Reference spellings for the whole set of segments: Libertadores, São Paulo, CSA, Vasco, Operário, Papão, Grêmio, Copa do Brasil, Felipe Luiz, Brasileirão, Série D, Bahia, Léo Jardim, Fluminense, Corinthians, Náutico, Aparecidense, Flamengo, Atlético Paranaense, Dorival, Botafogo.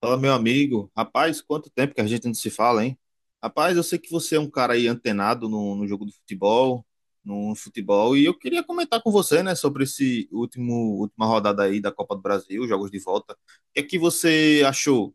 Fala, meu amigo. Rapaz, quanto tempo que a gente não se fala, hein? Rapaz, eu sei que você é um cara aí antenado no jogo do futebol, no futebol, e eu queria comentar com você, né, sobre última rodada aí da Copa do Brasil, jogos de volta. O que é que você achou?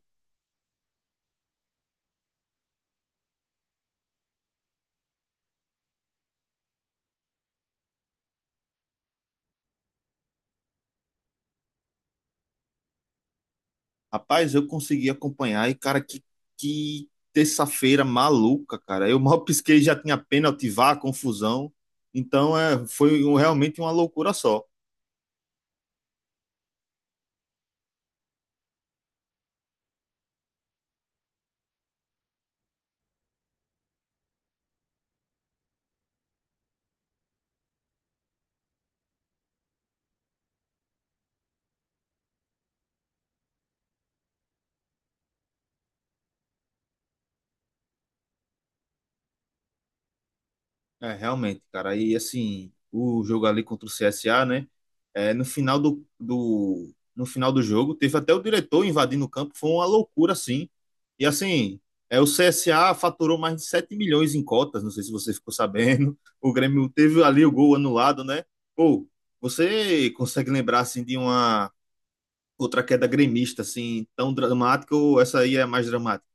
Rapaz, eu consegui acompanhar e, cara, que terça-feira maluca, cara. Eu mal pisquei, já tinha pênalti, vá, confusão. Então, é, foi realmente uma loucura só. É, realmente, cara. E assim, o jogo ali contra o CSA, né? É, no final no final do jogo, teve até o diretor invadindo o campo, foi uma loucura, assim. E assim, é, o CSA faturou mais de 7 milhões em cotas, não sei se você ficou sabendo. O Grêmio teve ali o gol anulado, né? Pô, você consegue lembrar, assim, de uma outra queda gremista, assim, tão dramática ou essa aí é mais dramática?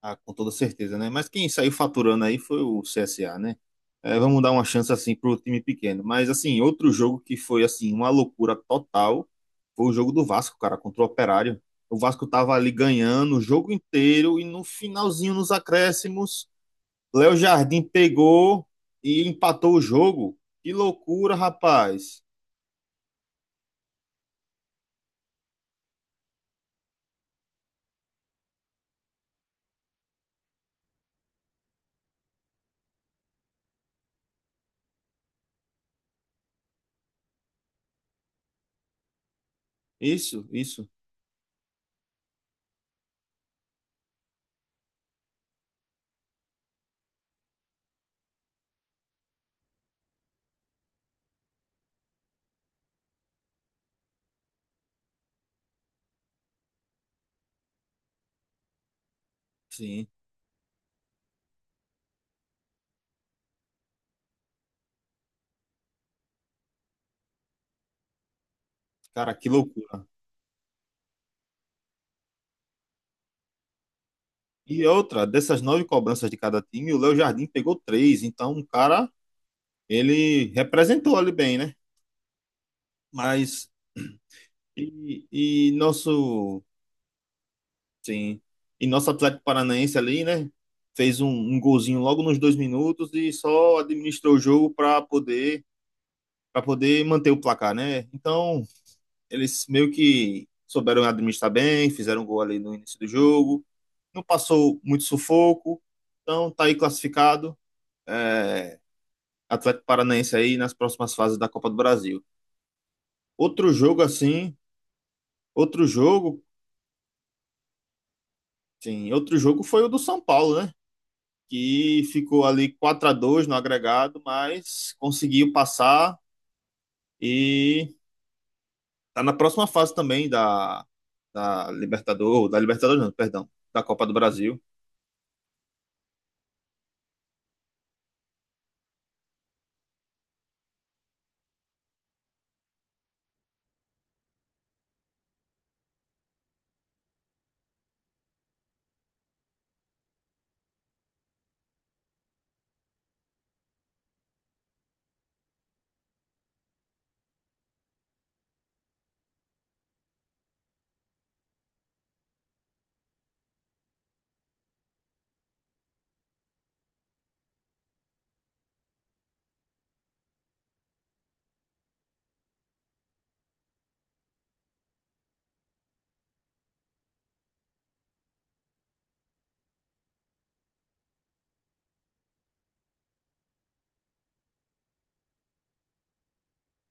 Ah, com toda certeza, né? Mas quem saiu faturando aí foi o CSA, né? É, vamos dar uma chance assim pro time pequeno. Mas assim, outro jogo que foi assim uma loucura total foi o jogo do Vasco, cara, contra o Operário. O Vasco tava ali ganhando o jogo inteiro e no finalzinho nos acréscimos, Léo Jardim pegou e empatou o jogo. Que loucura, rapaz. Isso, isso. Sim. Cara, que loucura. E outra, dessas 9 cobranças de cada time, o Léo Jardim pegou 3. Então, um cara ele representou ali bem, né? Mas e, e nosso, sim, e nosso Atlético Paranaense ali, né? Fez um golzinho logo nos 2 minutos e só administrou o jogo para poder manter o placar, né? Então eles meio que souberam administrar bem, fizeram um gol ali no início do jogo, não passou muito sufoco, então tá aí classificado. É, Atlético Paranaense aí nas próximas fases da Copa do Brasil. Outro jogo assim, outro jogo Sim, outro jogo foi o do São Paulo, né? Que ficou ali 4 a 2 no agregado, mas conseguiu passar e tá na próxima fase também da, da Libertadores não, perdão, da Copa do Brasil.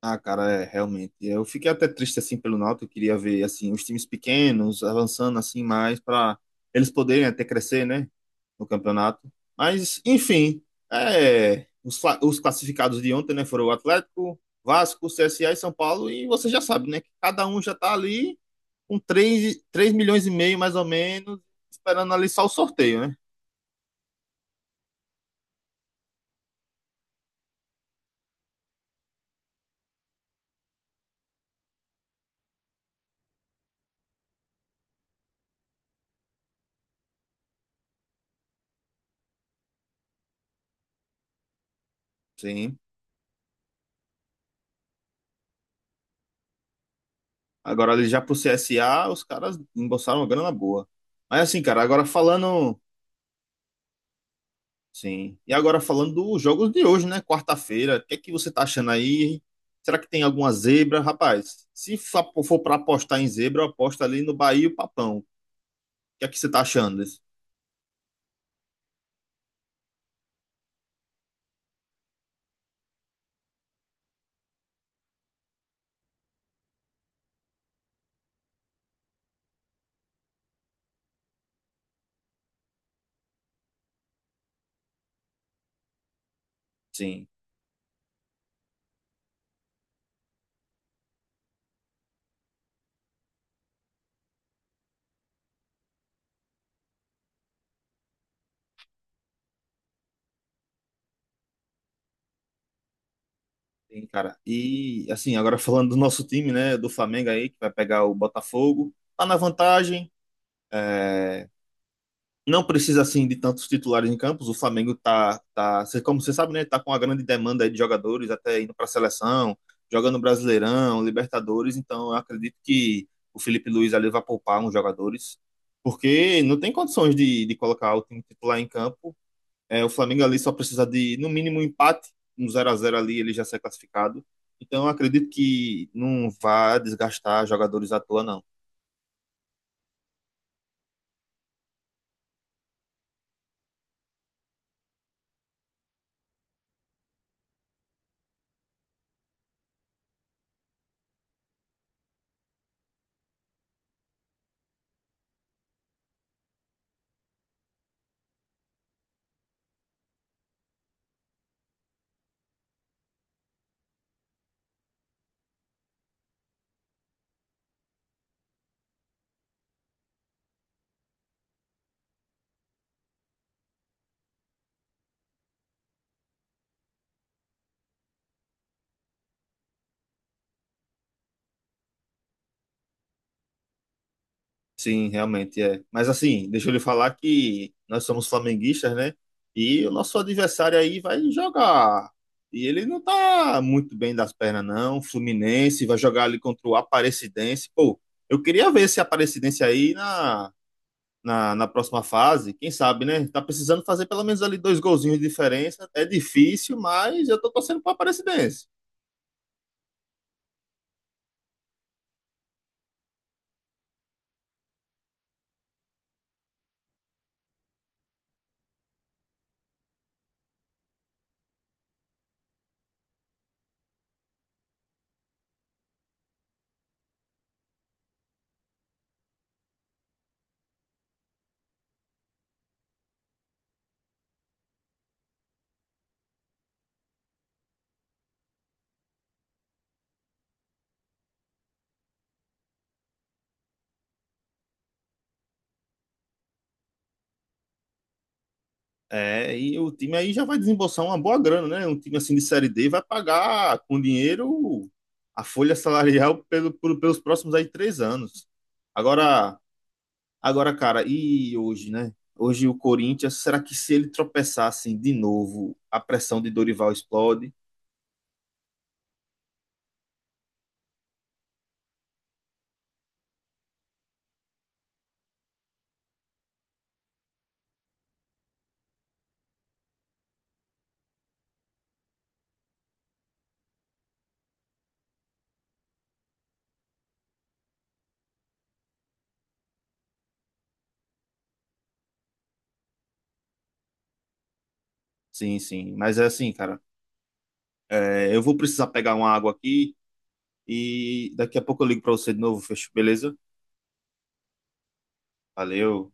Ah, cara, é, realmente. Eu fiquei até triste assim pelo Náutico, eu queria ver assim os times pequenos avançando assim mais para eles poderem até crescer, né, no campeonato. Mas enfim, é, os classificados de ontem, né, foram o Atlético, Vasco, CSA e São Paulo, e você já sabe, né, que cada um já tá ali com 3,5 milhões mais ou menos, esperando ali só o sorteio, né? Sim. Agora ali já pro CSA, os caras embolsaram uma grana boa. Mas assim, cara, agora falando Sim. E agora falando dos jogos de hoje, né? Quarta-feira, o que é que você tá achando aí? Será que tem alguma zebra? Rapaz, se fa- for para apostar em zebra, eu aposto ali no Bahia e o Papão. O que é que você tá achando disso? Sim, sim, cara. E assim, agora falando do nosso time, né? Do Flamengo aí, que vai pegar o Botafogo. Tá na vantagem. É, não precisa assim de tantos titulares em campos. O Flamengo como você sabe, né, tá com uma grande demanda aí de jogadores, até indo para a seleção, jogando Brasileirão, Libertadores. Então, eu acredito que o Felipe Luiz ali vai poupar uns jogadores, porque não tem condições de colocar o time titular em campo. É, o Flamengo ali só precisa de, no mínimo, um empate, um zero a zero ali, ele já sai classificado. Então, eu acredito que não vá desgastar jogadores à toa, não. Sim, realmente é. Mas assim, deixa eu lhe falar que nós somos flamenguistas, né? E o nosso adversário aí vai jogar. E ele não tá muito bem das pernas, não. Fluminense vai jogar ali contra o Aparecidense. Pô, eu queria ver esse Aparecidense aí na próxima fase. Quem sabe, né? Tá precisando fazer pelo menos ali 2 golzinhos de diferença. É difícil, mas eu tô torcendo pro Aparecidense. É, e o time aí já vai desembolsar uma boa grana, né? Um time assim de Série D vai pagar com dinheiro a folha salarial pelos próximos aí 3 anos. Agora, agora, cara, e hoje, né? Hoje o Corinthians, será que se ele tropeçar assim de novo, a pressão de Dorival explode? Sim, sim. Mas é assim, cara, é, eu vou precisar pegar uma água aqui e daqui a pouco eu ligo pra você de novo. Fechou, beleza? Valeu.